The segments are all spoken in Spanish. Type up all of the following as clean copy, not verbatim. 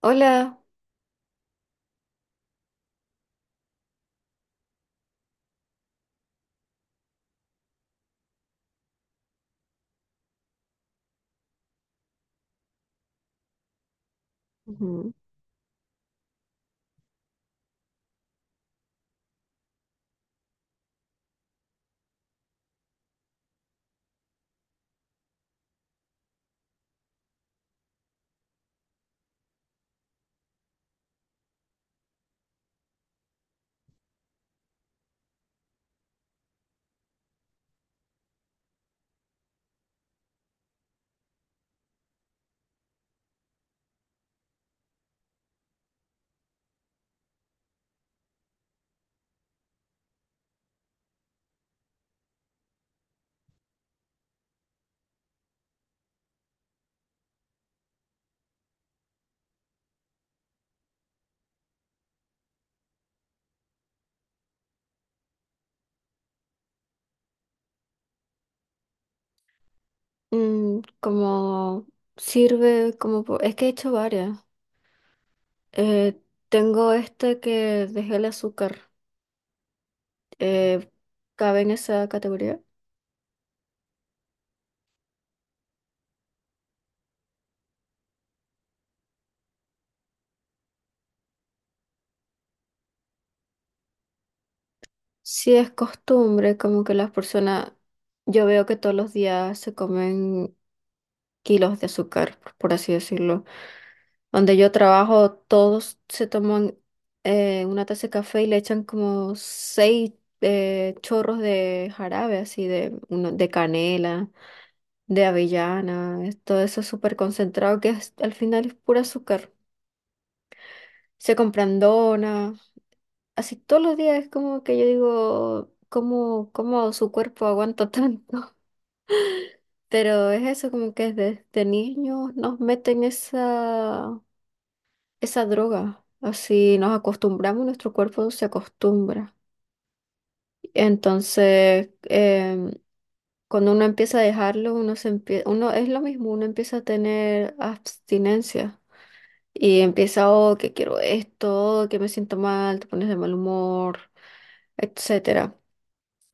Hola, como es que he hecho varias. Eh, Tengo este que dejé el azúcar. eh, ¿Cabe en esa categoría? Sí, es costumbre, como que las personas, yo veo que todos los días se comen kilos de azúcar, por así decirlo. Donde yo trabajo, todos se toman una taza de café y le echan como seis chorros de jarabe, así de, uno, de canela. De avellana, es todo eso súper concentrado que al final es puro azúcar. Se compran donas, así todos los días es como que yo digo, ¿cómo, cómo su cuerpo aguanta tanto? Pero es eso, como que desde niños nos meten esa droga, así nos acostumbramos, nuestro cuerpo se acostumbra. Entonces, cuando uno empieza a dejarlo, uno es lo mismo, uno empieza a tener abstinencia. Y empieza, oh, que quiero esto, que me siento mal, te pones de mal humor, etcétera.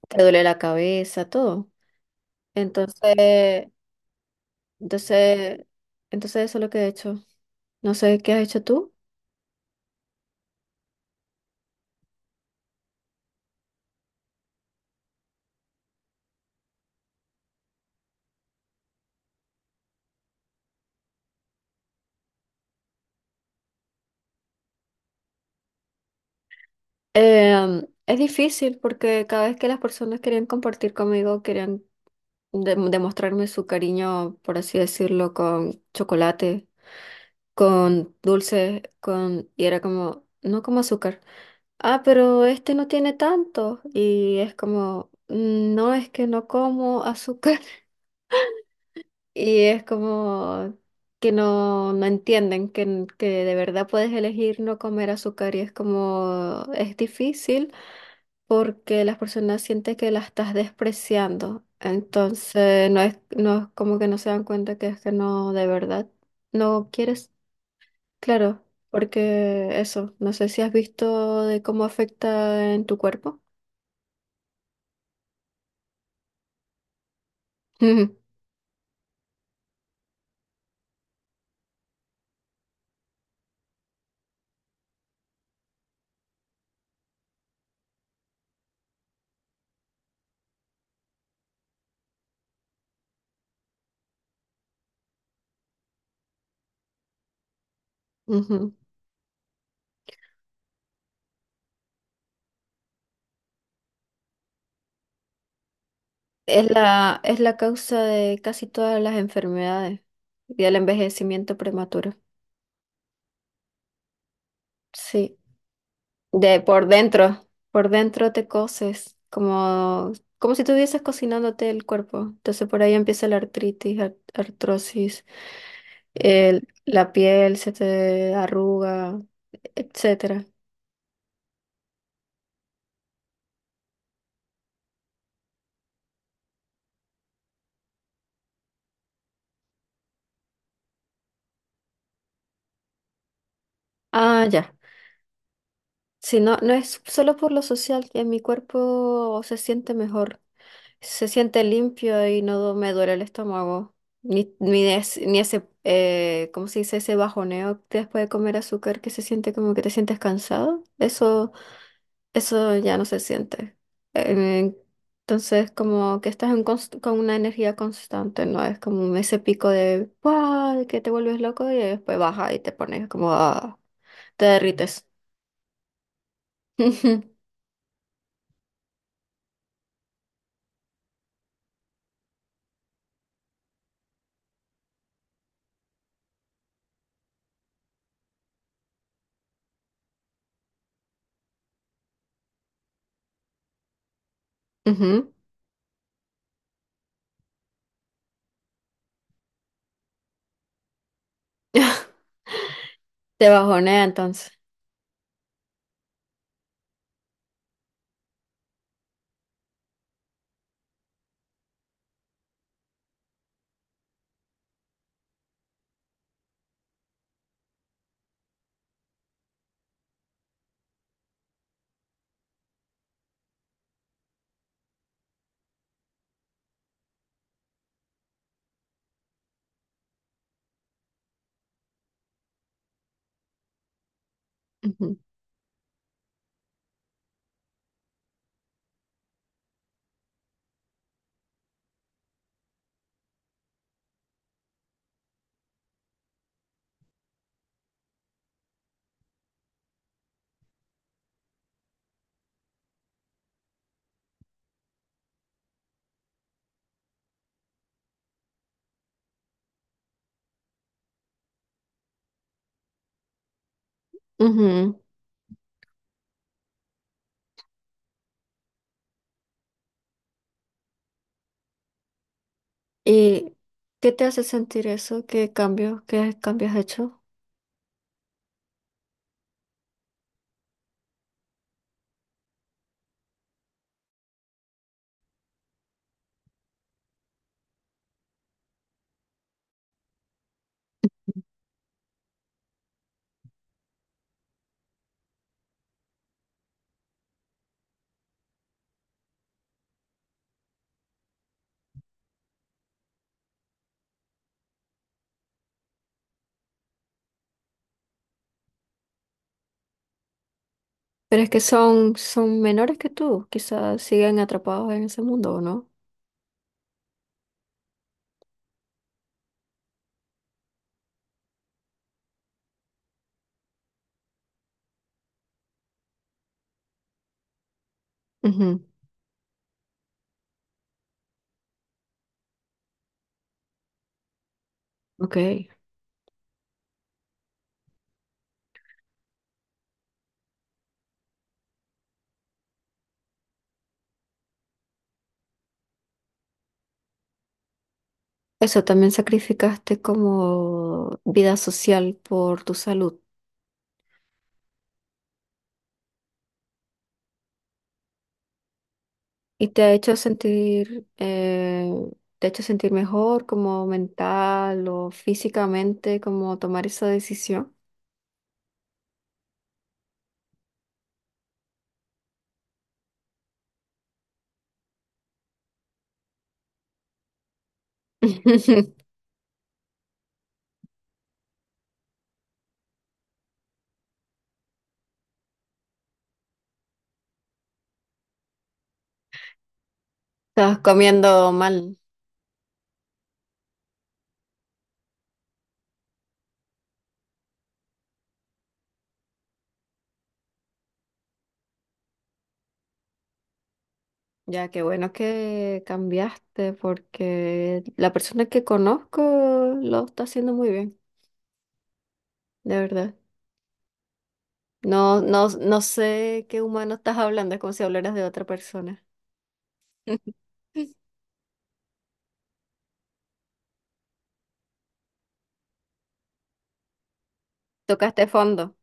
Te duele la cabeza, todo. Entonces, entonces, entonces eso es lo que he hecho. No sé qué has hecho tú. Es difícil porque cada vez que las personas querían compartir conmigo, querían demostrarme su cariño, por así decirlo, con chocolate, con dulces, con... y era como, no como azúcar. Ah, pero este no tiene tanto. Y es como, "Mm, no es que no como azúcar". Y es como que no, no entienden que, que de verdad puedes elegir no comer azúcar. Y es como, es difícil porque las personas sienten que la estás despreciando. Entonces, no es como que no se dan cuenta que es que no, de verdad, no quieres. Claro, porque eso, no sé si has visto de cómo afecta en tu cuerpo. Ujú, ujú. Es es la causa de casi todas las enfermedades y del envejecimiento prematuro. Sí, de por dentro te coces, como, como si estuvieses cocinándote el cuerpo. Entonces por ahí empieza la artritis, artrosis, la piel se te arruga, etcétera. Ah, ya. Si no, no es solo por lo social, en mi cuerpo se siente mejor. Se siente limpio y no me duele el estómago. Ni ese, ¿cómo se dice? Ese bajoneo después de comer azúcar que se siente como que te sientes cansado. Eso ya no se siente. Eh, entonces, como que estás en con una energía constante, ¿no? Es como ese pico de, ¡guau!, de que te vuelves loco y después baja y te pones como, ah, te derrites. Ujú. Te bajonea entonces. Ujú. Ujú. ¿Y qué te hace sentir eso? Qué cambios has hecho? Pero es que son, son menores que tú, quizás siguen atrapados en ese mundo, ¿o no? Ujú, ok. Eso también sacrificaste como vida social por tu salud y te ha hecho sentir, te ha hecho sentir mejor como mental o físicamente, como tomar esa decisión. Estabas comiendo mal. Ya, qué bueno que cambiaste porque la persona que conozco lo está haciendo muy bien, de verdad. No, no sé qué humano estás hablando, es como si hablaras de otra persona. Tocaste fondo,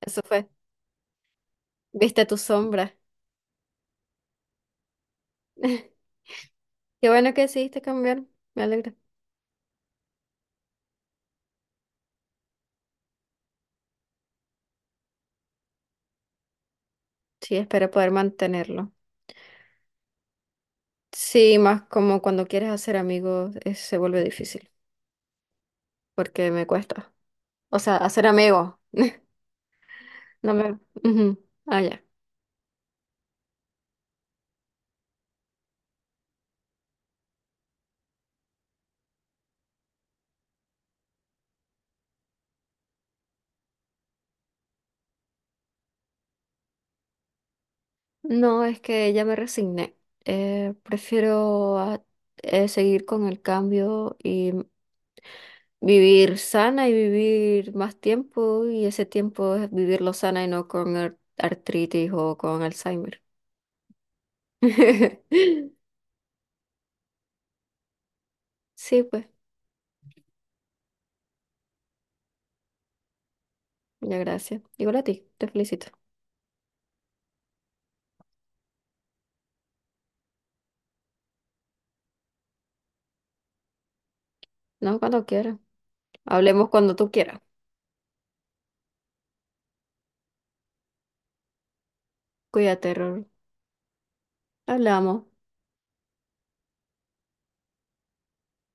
eso fue. Viste tu sombra. Qué bueno que decidiste cambiar, me alegra. Sí, espero poder mantenerlo. Sí, más como cuando quieres hacer amigos, se vuelve difícil porque me cuesta. O sea, hacer amigos. No me... Ujú. Ah, ya. No, es que ya me resigné. Eh, prefiero seguir con el cambio y vivir sana y vivir más tiempo y ese tiempo es vivirlo sana y no con artritis o con Alzheimer. Sí, pues, ya gracias. Igual a ti, te felicito. No, cuando quieras. Hablemos cuando tú quieras. Cuídate, Ror. Hablamos.